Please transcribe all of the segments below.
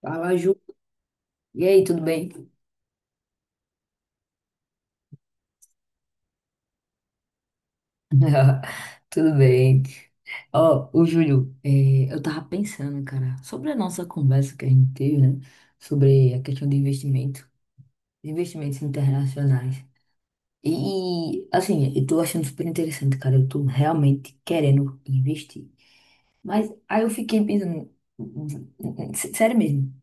Fala, Ju. E aí, tudo bem? Tudo bem. Ó, ô Júlio, eu tava pensando, cara, sobre a nossa conversa que a gente teve, né? Sobre a questão de investimento, de investimentos internacionais. E, assim, eu tô achando super interessante, cara. Eu tô realmente querendo investir. Mas aí eu fiquei pensando, sério mesmo,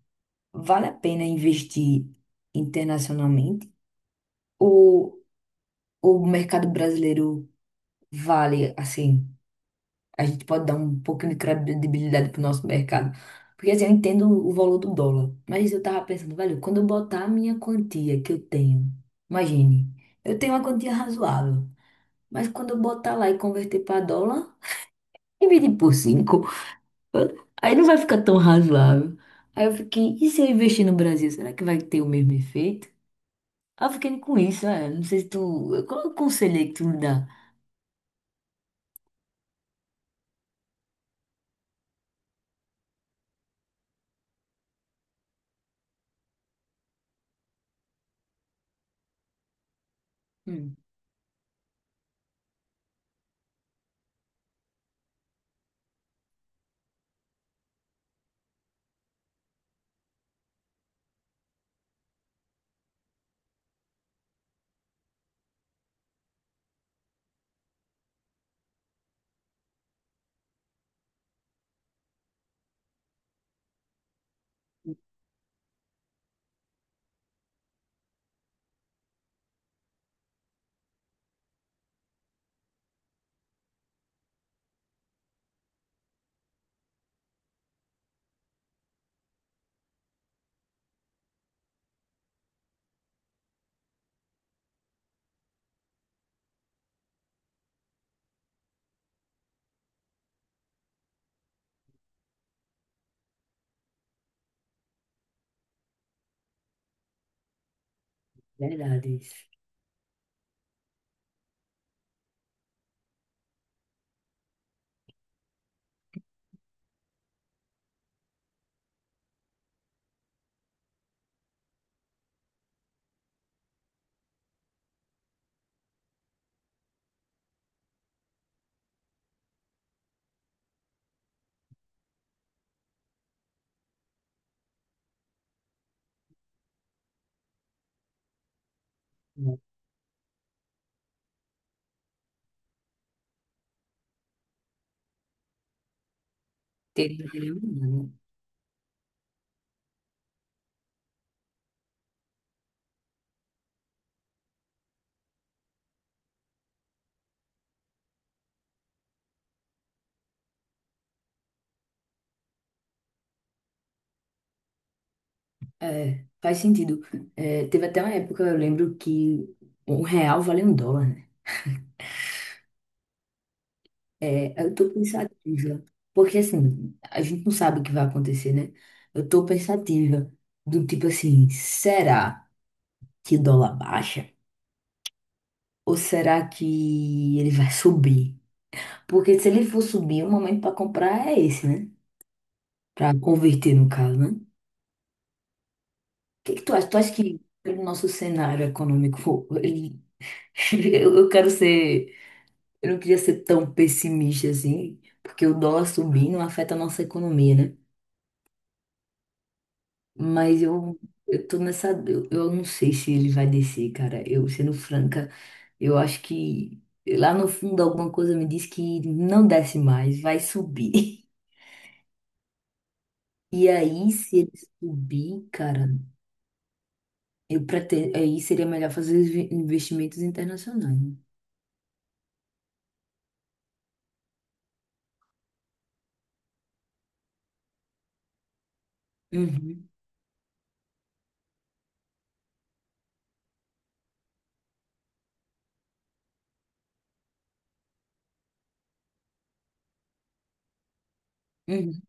vale a pena investir internacionalmente? Ou ou o mercado brasileiro vale, assim? A gente pode dar um pouquinho de credibilidade pro nosso mercado. Porque assim, eu entendo o valor do dólar, mas eu tava pensando, velho, quando eu botar a minha quantia que eu tenho, imagine, eu tenho uma quantia razoável, mas quando eu botar lá e converter para dólar, dividir por cinco, aí não vai ficar tão razoável. Aí eu fiquei, e se eu investir no Brasil, será que vai ter o mesmo efeito? Aí eu fiquei com isso, não sei se tu, qual é o conselho aí que tu me dá? Hum, verdade isso. Teria, teria mudado, né? É, faz sentido. É, teve até uma época, eu lembro que um real vale um dólar, né? É, eu tô pensativa, porque assim, a gente não sabe o que vai acontecer, né? Eu tô pensativa, do tipo assim, será que o dólar baixa? Ou será que ele vai subir? Porque se ele for subir, o momento para comprar é esse, né? Para converter, no caso, né? O que que tu acha? Tu acha que pelo nosso cenário econômico, ele... eu quero ser. Eu não queria ser tão pessimista assim, porque o dólar subir não afeta a nossa economia, né? Mas eu tô nessa. Eu não sei se ele vai descer, cara. Eu, sendo franca, eu acho que lá no fundo alguma coisa me diz que não desce mais, vai subir. E aí, se ele subir, cara, eu pretendo. Aí seria melhor fazer os investimentos internacionais. Né? Uhum, uhum.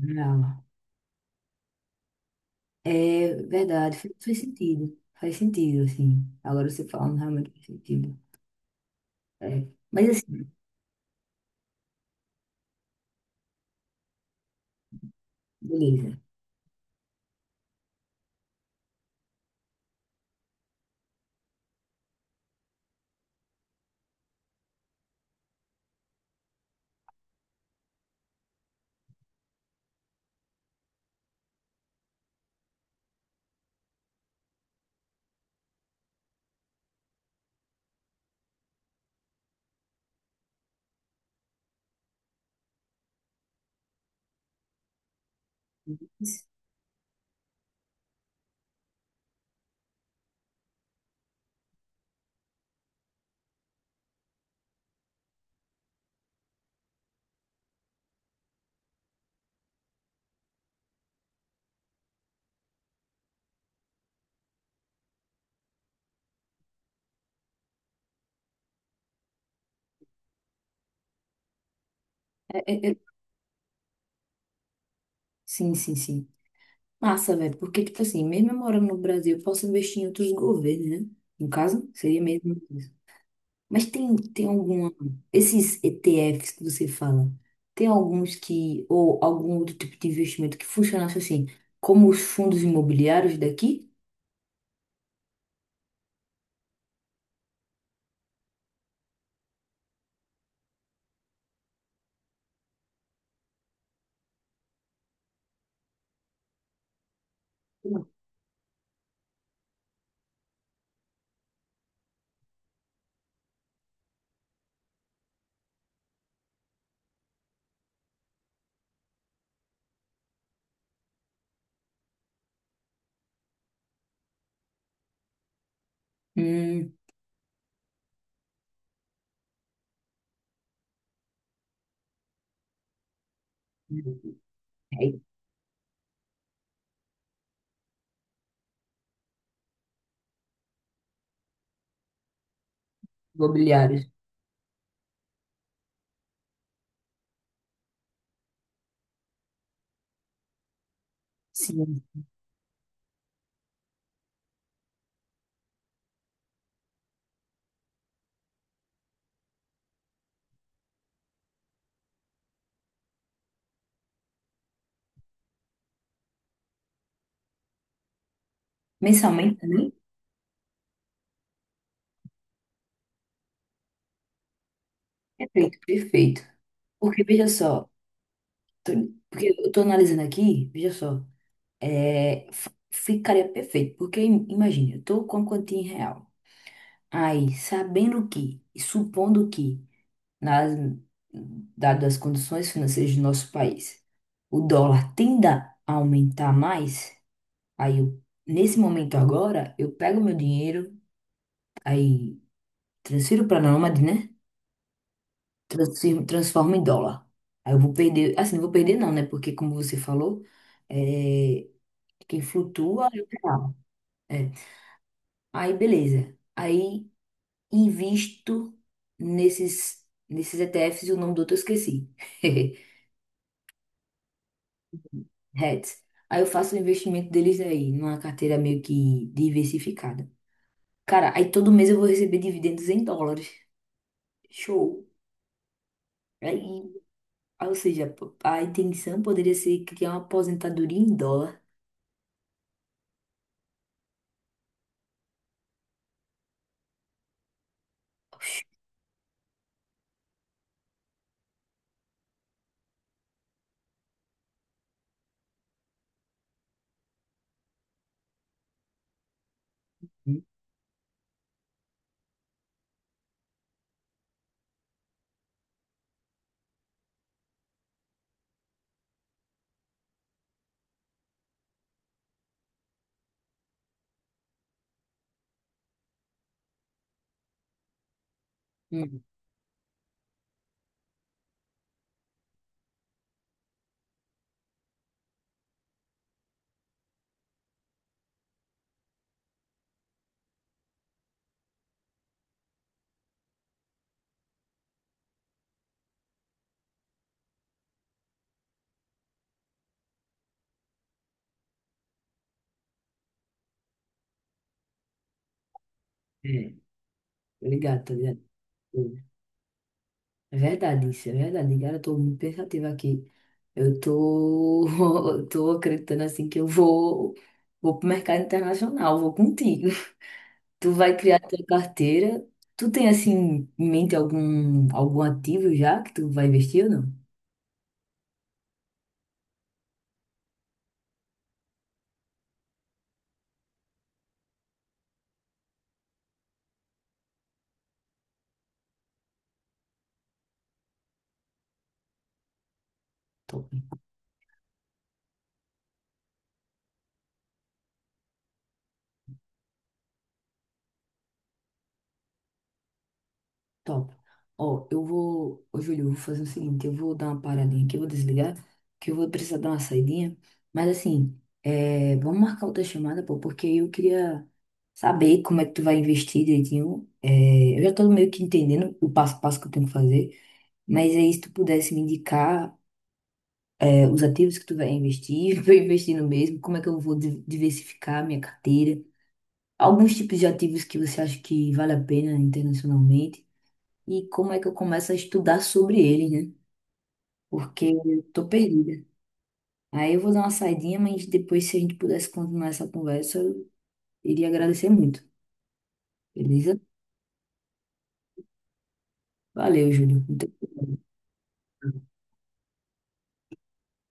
Real. É verdade, faz, faz sentido. Faz sentido, assim. Agora você falando realmente faz sentido. É. Mas assim, beleza. é- é- é- sim, sim, sim. Massa, velho. Porque, tipo assim, mesmo eu morando no Brasil, eu posso investir em outros governos, né? No caso, seria mesmo isso. Mas tem, tem alguma. Esses ETFs que você fala, tem alguns que. Ou algum outro tipo de investimento que funcionasse assim, como os fundos imobiliários daqui? Hum, é, imobiliários. Sim. Mensalmente também? Perfeito, perfeito. Porque, veja só, tô- porque eu tô analisando aqui, veja só, ficaria perfeito. Porque, imagine, eu tô com a quantia em real. Aí, sabendo que, e supondo que, nas, dadas as condições financeiras do nosso país, o dólar tenda a aumentar mais, aí, eu, nesse momento agora, eu pego meu dinheiro, aí transfiro para a Nômade, né? Transforma em dólar. Aí eu vou perder, assim, não vou perder não, né? Porque como você falou, é, quem flutua é o real. É. Aí beleza. Aí invisto nesses nesses ETFs e o nome do outro eu esqueci. Hats. Aí eu faço o investimento deles aí, numa carteira meio que diversificada. Cara, aí todo mês eu vou receber dividendos em dólares. Show. Aí, ou seja, a intenção poderia ser criar uma aposentadoria em dólar. Hum, é, ligado, tá ligado? Hum, É verdade isso, é verdade. Cara, eu tô muito pensativa aqui. Eu tô, eu tô acreditando assim que eu vou, vou pro mercado internacional, vou contigo. Tu vai criar tua carteira. Tu tem assim em mente algum, algum ativo já que tu vai investir ou não? Top. Top. Ó, eu vou. Ô, Júlio, eu vou fazer o seguinte: eu vou dar uma paradinha aqui, eu vou desligar, que eu vou precisar dar uma saidinha. Mas assim, é, vamos marcar outra chamada, pô, porque eu queria saber como é que tu vai investir direitinho. É, eu já tô meio que entendendo o passo a passo que eu tenho que fazer. Mas aí, se tu pudesse me indicar, é, os ativos que tu vai investir, pra eu investir no mesmo, como é que eu vou diversificar minha carteira. Alguns tipos de ativos que você acha que vale a pena internacionalmente e como é que eu começo a estudar sobre eles, né? Porque eu tô perdida. Aí eu vou dar uma saidinha, mas depois, se a gente pudesse continuar essa conversa, eu iria agradecer muito. Beleza? Valeu, Júlio. Muito